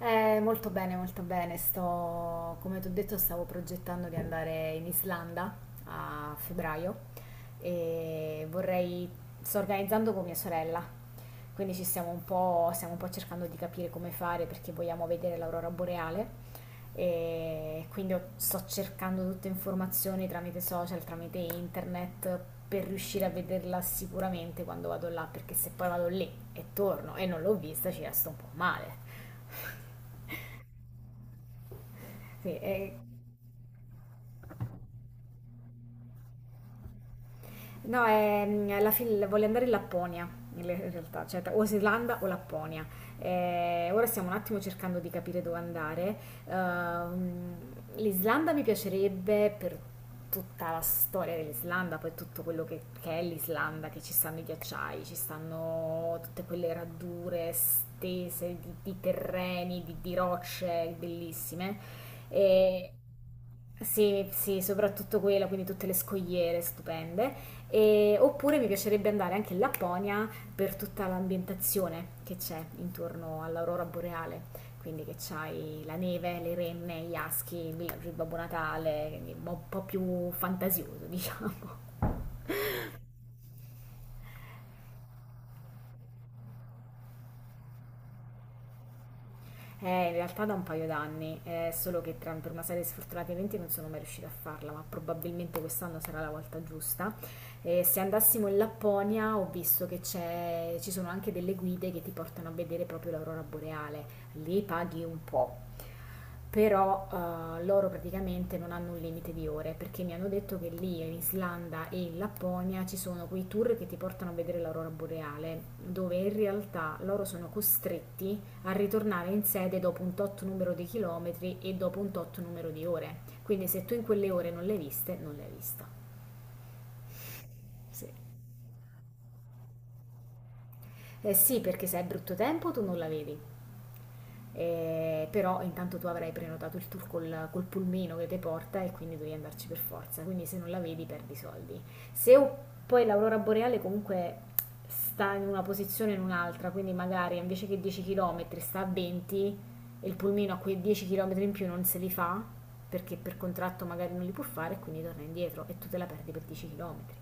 Molto bene, molto bene. Come ti ho detto, stavo progettando di andare in Islanda a febbraio e sto organizzando con mia sorella, quindi ci stiamo un po' cercando di capire come fare perché vogliamo vedere l'aurora boreale. E quindi sto cercando tutte informazioni tramite social, tramite internet per riuscire a vederla sicuramente quando vado là, perché se poi vado lì e torno e non l'ho vista ci resto un po' male. Sì, no, alla fine voglio andare in Lapponia, in realtà, cioè o Islanda o Lapponia. Ora stiamo un attimo cercando di capire dove andare. Ehm, L'Islanda mi piacerebbe per tutta la storia dell'Islanda, poi tutto quello che è l'Islanda, che ci stanno i ghiacciai, ci stanno tutte quelle radure stese di, terreni, di rocce bellissime. E sì, sì, soprattutto quella, quindi tutte le scogliere stupende. Oppure mi piacerebbe andare anche in Lapponia per tutta l'ambientazione che c'è intorno all'aurora boreale. Quindi che c'hai la neve, le renne, gli aschi, il villaggio di Babbo Natale, quindi un po' più fantasioso, diciamo. In realtà da un paio d'anni, solo che per una serie di sfortunati eventi non sono mai riuscita a farla, ma probabilmente quest'anno sarà la volta giusta. Se andassimo in Lapponia ho visto che ci sono anche delle guide che ti portano a vedere proprio l'aurora boreale, lì paghi un po', però loro praticamente non hanno un limite di ore perché mi hanno detto che lì in Islanda e in Lapponia ci sono quei tour che ti portano a vedere l'aurora boreale, dove in realtà loro sono costretti a ritornare in sede dopo un tot numero di chilometri e dopo un tot numero di ore. Quindi se tu in quelle ore non le hai viste, non le hai vista. Sì. Eh sì, perché se è brutto tempo tu non la vedi. Però intanto tu avrai prenotato il tour col pulmino che ti porta e quindi devi andarci per forza, quindi se non la vedi perdi soldi. Se o- Poi l'aurora boreale comunque sta in una posizione o in un'altra, quindi magari invece che 10 km sta a 20 e il pulmino a quei 10 km in più non se li fa perché per contratto magari non li può fare e quindi torna indietro e tu te la perdi per 10 km.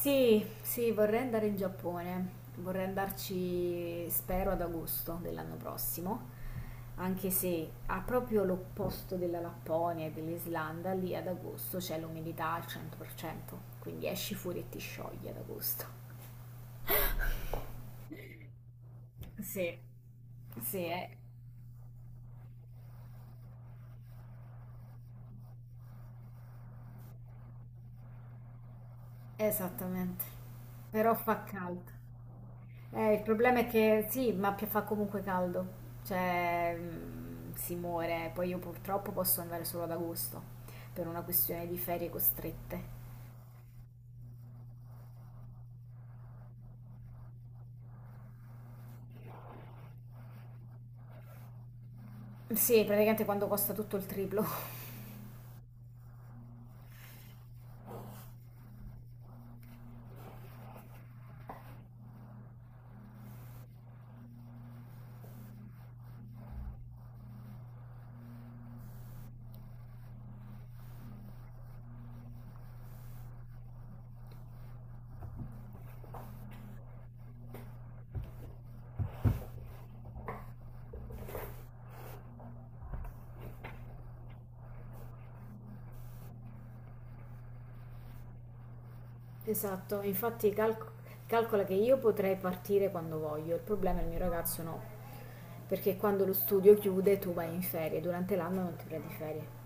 Sì, sì, vorrei andare in Giappone. Vorrei andarci, spero, ad agosto dell'anno prossimo, anche se ha proprio l'opposto della Lapponia e dell'Islanda, lì ad agosto c'è l'umidità al 100%, quindi esci fuori e ti sciogli ad agosto. Sì, sì, esattamente. Però fa caldo. Il problema è che sì, ma fa comunque caldo, cioè si muore, poi io purtroppo posso andare solo ad agosto per una questione di ferie costrette. Sì, praticamente quando costa tutto il triplo. Esatto, infatti calcola che io potrei partire quando voglio, il problema è il mio ragazzo no, perché quando lo studio chiude tu vai in ferie, durante l'anno non ti prendi ferie.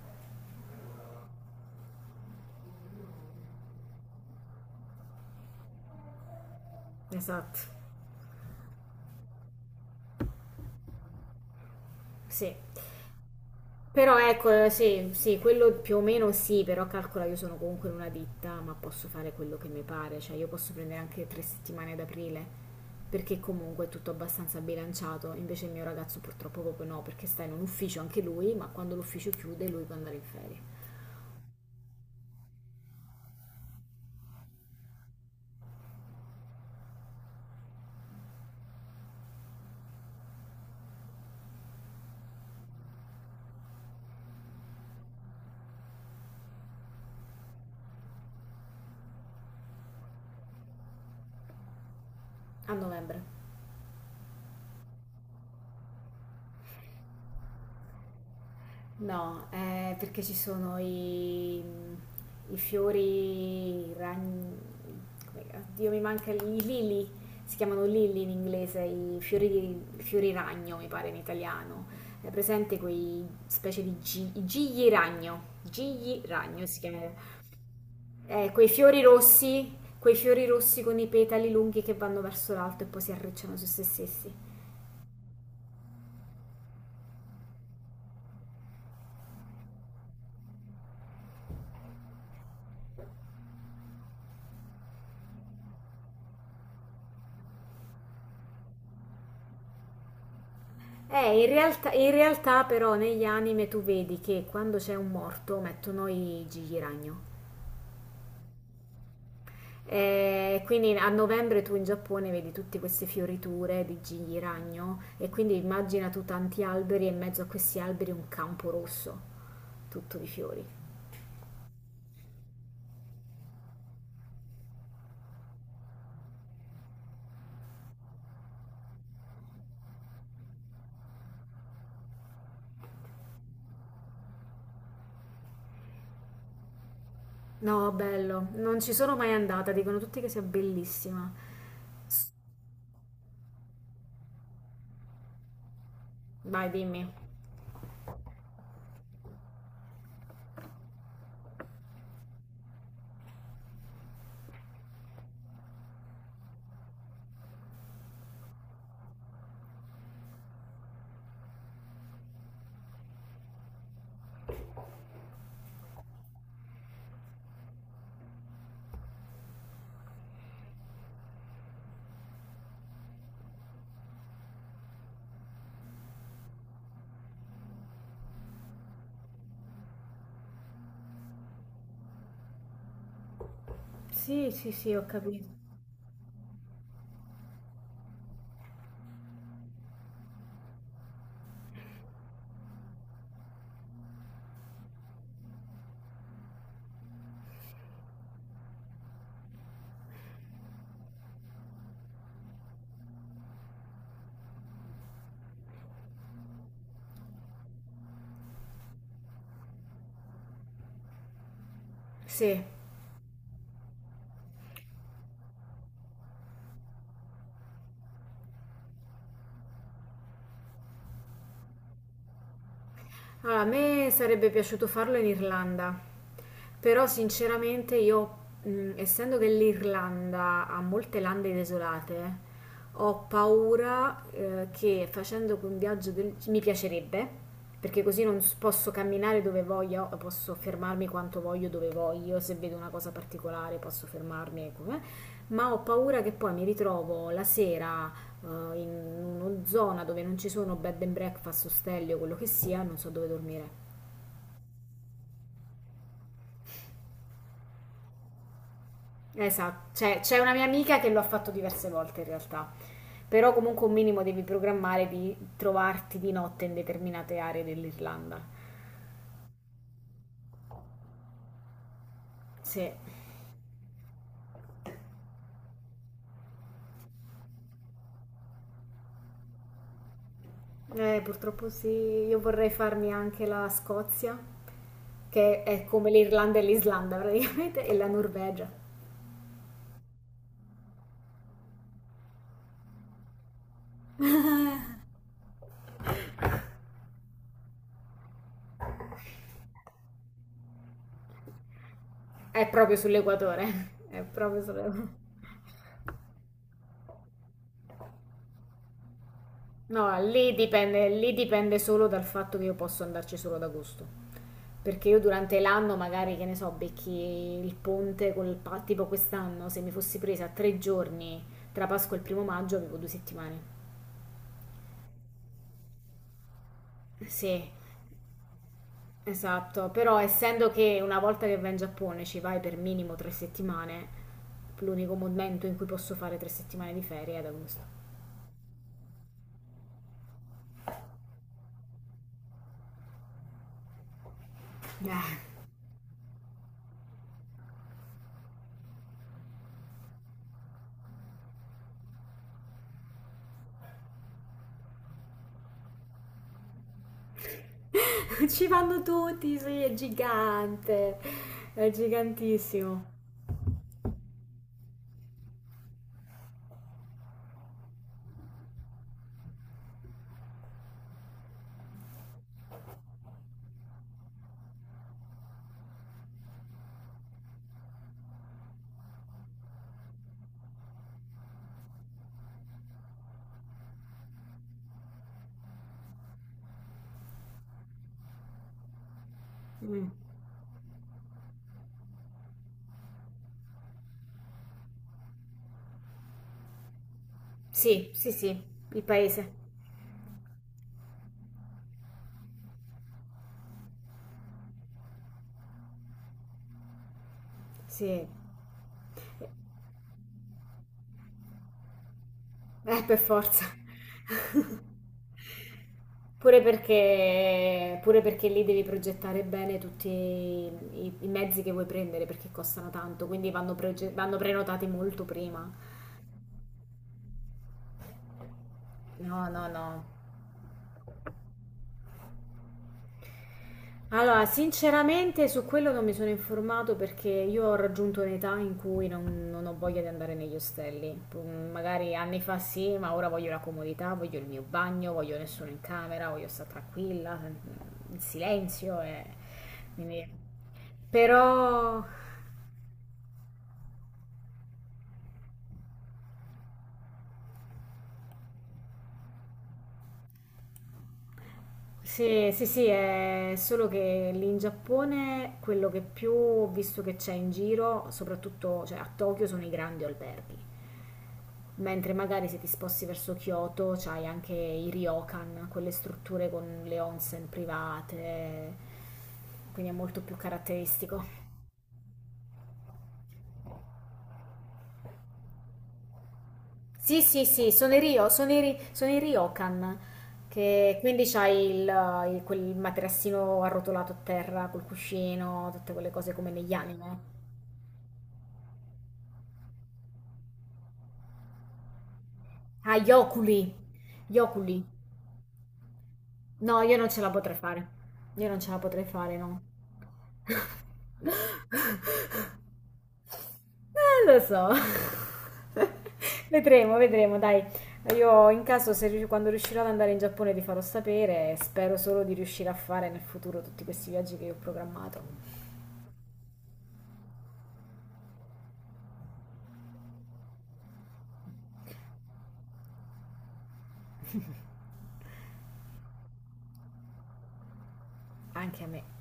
Esatto, sì. Però ecco, sì, sì, quello più o meno sì, però calcola io sono comunque in una ditta, ma posso fare quello che mi pare, cioè io posso prendere anche 3 settimane ad aprile, perché comunque è tutto abbastanza bilanciato, invece il mio ragazzo purtroppo proprio no, perché sta in un ufficio anche lui, ma quando l'ufficio chiude lui può andare in ferie. A novembre. No, perché ci sono i fiori, i ragni, come, oddio mi manca i lili, si chiamano lili in inglese, i fiori, fiori ragno mi pare in italiano. È presente quei specie i gigli ragno si chiama. Quei fiori rossi con i petali lunghi che vanno verso l'alto e poi si arricciano su se stessi. In realtà, però negli anime tu vedi che quando c'è un morto mettono i gigli ragno. Quindi a novembre tu in Giappone vedi tutte queste fioriture di gigli ragno e quindi immagina tu tanti alberi e in mezzo a questi alberi un campo rosso, tutto di fiori. No, bello, non ci sono mai andata, dicono tutti che sia bellissima. S- Vai, dimmi. Sì, sì, sì, ho capito. Sì. Allora, a me sarebbe piaciuto farlo in Irlanda, però sinceramente io, essendo che l'Irlanda ha molte lande desolate, ho paura, che facendo un viaggio mi piacerebbe, perché così non posso camminare dove voglio, posso fermarmi quanto voglio dove voglio, se vedo una cosa particolare posso fermarmi, ecco, eh. Ma ho paura che poi mi ritrovo la sera in una zona dove non ci sono bed and breakfast, ostelli o quello che sia, non so dove dormire. Esatto, c'è una mia amica che lo ha fatto diverse volte in realtà, però comunque un minimo devi programmare di trovarti di notte in determinate aree dell'Irlanda. Sì, purtroppo sì, io vorrei farmi anche la Scozia, che è come l'Irlanda e l'Islanda praticamente, e la Norvegia. È proprio sull'equatore, è proprio sull'equatore. No, lì dipende solo dal fatto che io posso andarci solo ad agosto. Perché io durante l'anno, magari, che ne so, becchi il ponte tipo quest'anno, se mi fossi presa 3 giorni tra Pasqua e il 1° maggio, avevo 2 settimane. Sì, esatto. Però essendo che una volta che vai in Giappone ci vai per minimo 3 settimane, l'unico momento in cui posso fare 3 settimane di ferie è ad agosto. Eh. Ci vanno tutti, sì, è gigante. È gigantissimo. Mm. Sì, sì, sì, il paese. Sì, per forza. Pure perché lì devi progettare bene tutti i mezzi che vuoi prendere perché costano tanto, quindi vanno prenotati molto prima. No, no, no. Allora, sinceramente su quello non mi sono informato perché io ho raggiunto un'età in cui non ho voglia di andare negli ostelli. Magari anni fa sì, ma ora voglio la comodità, voglio il mio bagno, voglio nessuno in camera, voglio stare tranquilla, in silenzio. Quindi- Però sì, sì, sì, è solo che lì in Giappone quello che più ho visto che c'è in giro, soprattutto cioè, a Tokyo, sono i grandi alberghi. Mentre magari se ti sposti verso Kyoto c'hai anche i ryokan, quelle strutture con le onsen private, quindi è molto più caratteristico. Sì, sì, sì, sono i ryokan, che quindi c'hai quel materassino arrotolato a terra col cuscino, tutte quelle cose come negli anime. Ah, gli oculi, gli oculi. No, io non ce la potrei fare. Io non ce la potrei fare, no. Lo so. Vedremo, vedremo, dai. Io in caso, se rius- quando riuscirò ad andare in Giappone, ti farò sapere. Spero solo di riuscire a fare nel futuro tutti questi viaggi che io ho programmato. Anche a me.